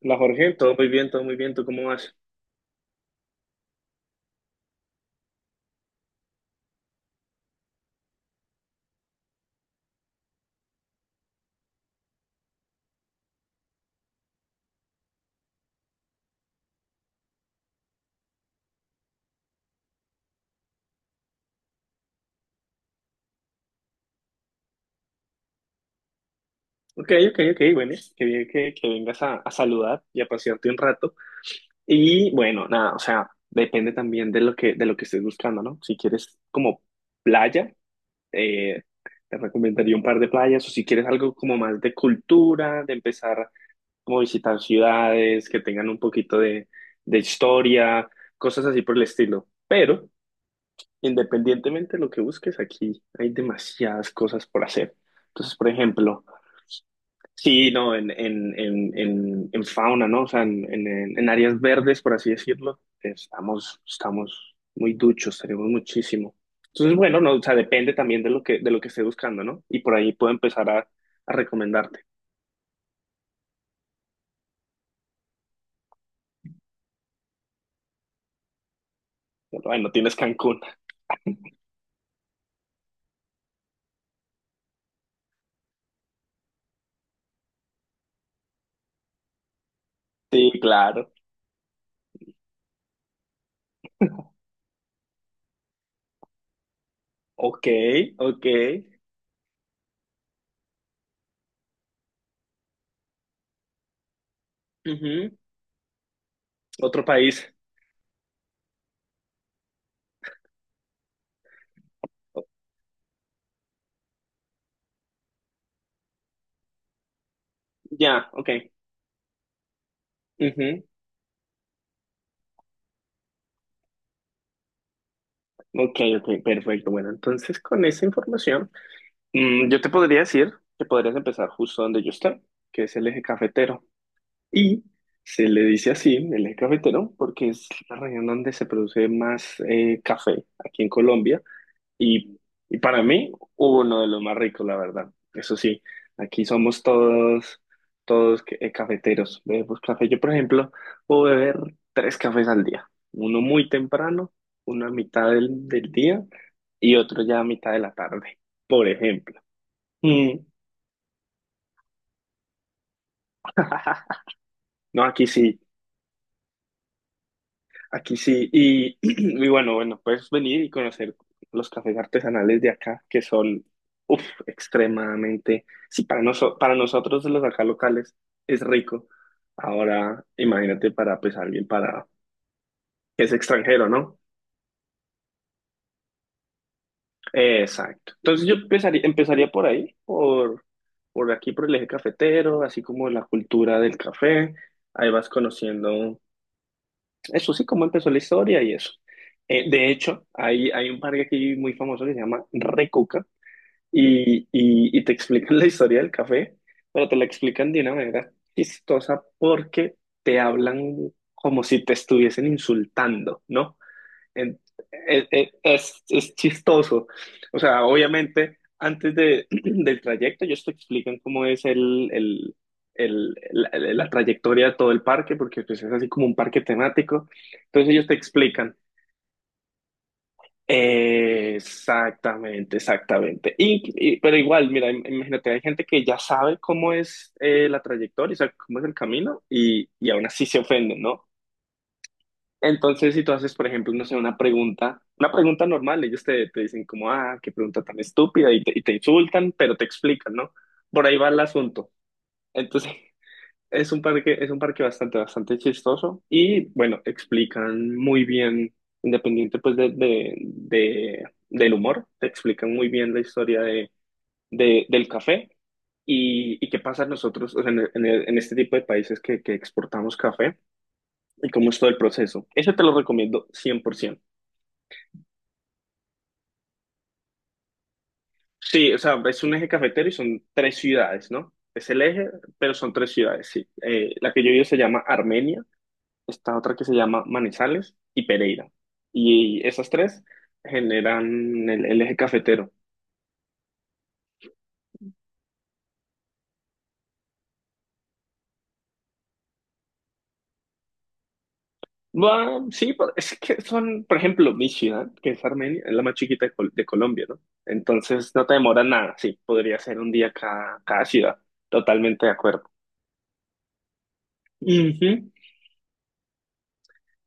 La Jorge, todo muy bien, ¿tú cómo vas? Ok, ok, ok, bueno, qué bien que vengas a saludar y a pasearte un rato. Y bueno, nada, o sea, depende también de lo que estés buscando, ¿no? Si quieres como playa, eh, te recomendaría un par de playas, o si quieres algo como más de cultura, de empezar como a visitar ciudades que tengan un poquito de historia, cosas así por el estilo. Pero independientemente de lo que busques, aquí hay demasiadas cosas por hacer. Entonces, por ejemplo, sí, no, en fauna, ¿no? O sea, en áreas verdes, por así decirlo, estamos muy duchos, tenemos muchísimo. Entonces, bueno, no, o sea, depende también de lo que esté buscando, ¿no? Y por ahí puedo empezar a recomendarte. Bueno, tienes Cancún. Sí, claro. Ok, ok. Ujú. Otro país. Ya, ok. Ujú. Ok, ok, perfecto. Bueno, entonces con esa información, yo te podría decir que podrías empezar justo donde yo estoy, que es el eje cafetero. Y se le dice así, el eje cafetero, porque es la región donde se produce más café aquí en Colombia. Y, y para mí, uno de los más ricos, la verdad. Eso sí, aquí somos todos, cafeteros. Bebemos café. Yo, por ejemplo, puedo beber tres cafés al día. Uno muy temprano, uno a mitad del día y otro ya a mitad de la tarde, por ejemplo. Mm. No, aquí sí. Aquí sí, y, y bueno, bueno, puedes venir y conocer los cafés artesanales de acá, que son uf, extremadamente, sí, para nosotros los acá locales es rico. Ahora, imagínate para pues alguien para que es extranjero, ¿no? Exacto. Entonces yo empezaría por ahí, por aquí, por el eje cafetero, así como la cultura del café. Ahí vas conociendo. Eso sí, cómo empezó la historia y eso. De hecho, hay un parque aquí muy famoso que se llama Recoca y te explican la historia del café, pero te la explican de una manera chistosa porque te hablan como si te estuviesen insultando, ¿no? En- es chistoso. O sea, obviamente, antes de, del trayecto, ellos te explican cómo es la trayectoria de todo el parque, porque pues, es así como un parque temático. Entonces ellos te explican. Exactamente, exactamente. Pero igual, mira, imagínate, hay gente que ya sabe cómo es la trayectoria, o sea, cómo es el camino, y aún así se ofenden, ¿no? Entonces, si tú haces, por ejemplo, no sé, una pregunta normal, te dicen como, ah, qué pregunta tan estúpida, y te insultan, pero te explican, ¿no? Por ahí va el asunto. Entonces, es un parque bastante, bastante chistoso y, bueno, explican muy bien, independiente pues del humor, te explican muy bien la historia del café y qué pasa nosotros, o sea, en este tipo de países que exportamos café y cómo es todo el proceso. Eso te lo recomiendo 100%. Sí, o sea, es un eje cafetero y son tres ciudades, ¿no? Es el eje, pero son tres ciudades, sí. La que yo vivo se llama Armenia, esta otra que se llama Manizales y Pereira. Y esas tres generan el eje cafetero. Va, sí, pero es que son, por ejemplo, mi ciudad, que es Armenia, es la más chiquita de, de Colombia, ¿no? Entonces no te demora nada, sí, podría ser un día cada ciudad, totalmente de acuerdo. Ujú.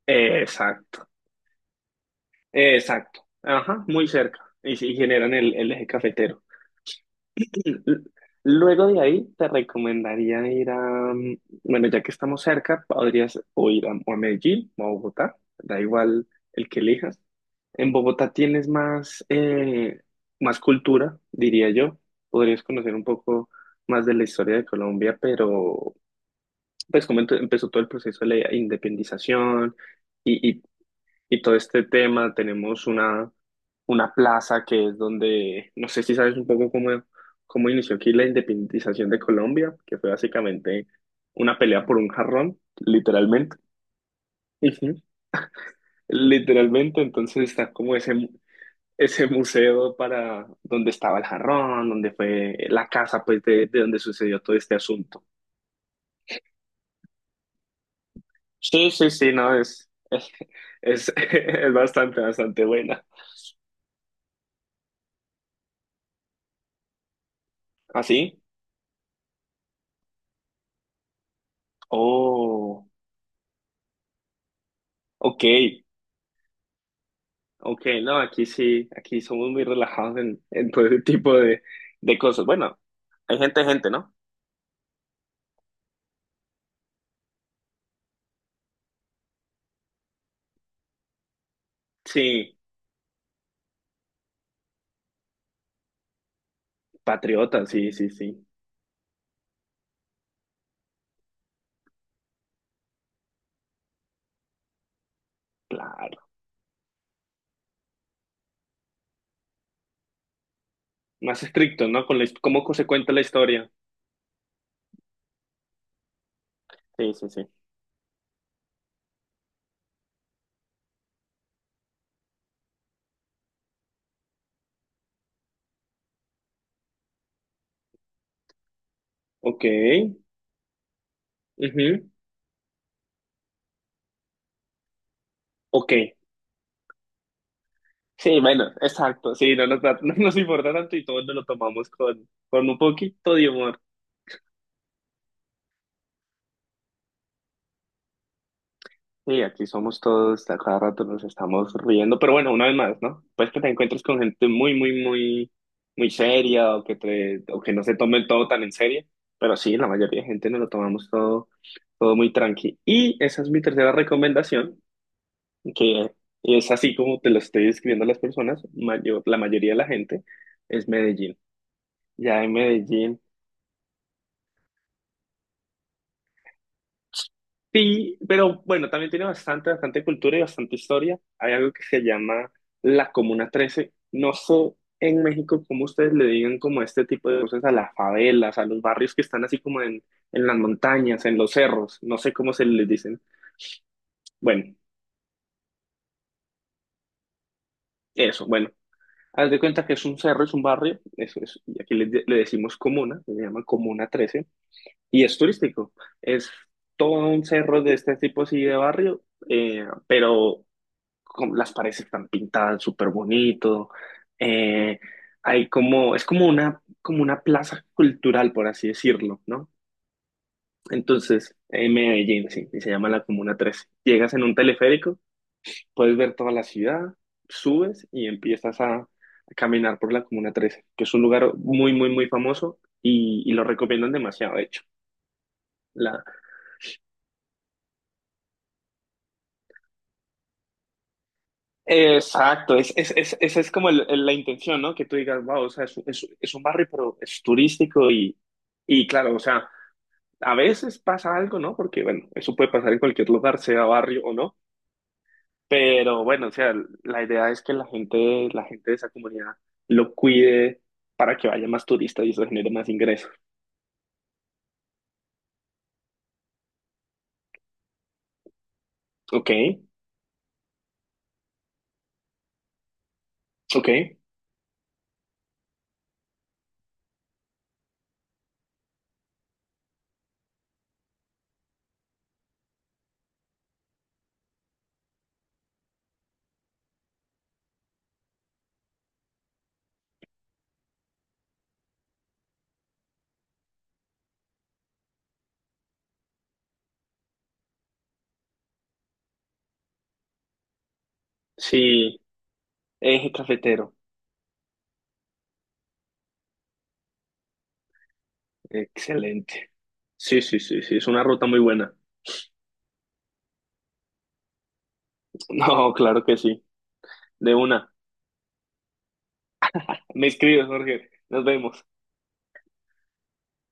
Exacto. Exacto, ajá, muy cerca y, sí, generan el eje cafetero. L- Luego de ahí te recomendaría ir bueno, ya que estamos cerca, podrías o ir o a Medellín o a Bogotá, da igual el que elijas. En Bogotá tienes más, más cultura, diría yo. Podrías conocer un poco más de la historia de Colombia, pero pues como empezó todo el proceso de la independización y, y todo este tema. Tenemos una plaza que es donde, no sé si sabes un poco cómo inició aquí la independización de Colombia, que fue básicamente una pelea por un jarrón, literalmente. Ujú. Literalmente, entonces está como ese, ese museo para donde estaba el jarrón, donde fue la casa, pues, de donde sucedió todo este asunto. Sí, no, es bastante, bastante buena. ¿Así? Oh, ok. Ok, no, aquí sí, aquí somos muy relajados en todo ese tipo de cosas. Bueno, hay gente, ¿no? Sí, patriota, sí, sí, sí, claro. Más estricto, ¿no? Con cómo se cuenta la historia. Sí, sí, sí. Ok, ujú, ok. Sí, bueno, exacto, sí, no nos importa tanto y todos nos lo tomamos con un poquito de humor. Sí, aquí somos todos, a cada rato nos estamos riendo, pero bueno, una vez más, ¿no? Pues que te encuentres con gente muy seria o o que no se tome todo tan en serio, pero sí, la mayoría de gente nos lo tomamos todo, todo muy tranqui. Y esa es mi tercera recomendación, que es así como te lo estoy describiendo a las personas, la mayoría de la gente es Medellín. Ya en Medellín. Sí, pero bueno, también tiene bastante, bastante cultura y bastante historia. Hay algo que se llama la Comuna Trece. No sé en México cómo ustedes le digan como este tipo de cosas a las favelas, a los barrios que están así como en las montañas, en los cerros. No sé cómo se les dicen. Bueno, eso, bueno. Haz de cuenta que es un cerro, es un barrio, eso es, y aquí le decimos comuna, se llama Comuna Trece y es turístico. Es todo un cerro de este tipo así de barrio, pero como las paredes están pintadas súper bonito. Eh, hay como, es como una plaza cultural, por así decirlo, ¿no? Entonces, en Medellín, sí, y se llama la Comuna Trece. Llegas en un teleférico, puedes ver toda la ciudad, subes y empiezas a caminar por la Comuna Trece que es un lugar muy famoso y lo recomiendan demasiado, de hecho. La, Exacto, esa es como la intención, ¿no? Que tú digas, wow, o sea, es un barrio, pero es turístico y claro, o sea, a veces pasa algo, ¿no? Porque, bueno, eso puede pasar en cualquier lugar, sea barrio o no, pero bueno, o sea, la idea es que la gente de esa comunidad lo cuide para que vaya más turista y eso genere más ingresos. Ok, ok, sí, eje cafetero, excelente. Sí, sí, sí, sí, es una ruta muy buena. No, claro que sí, de una. Me escribes, Jorge. Nos vemos.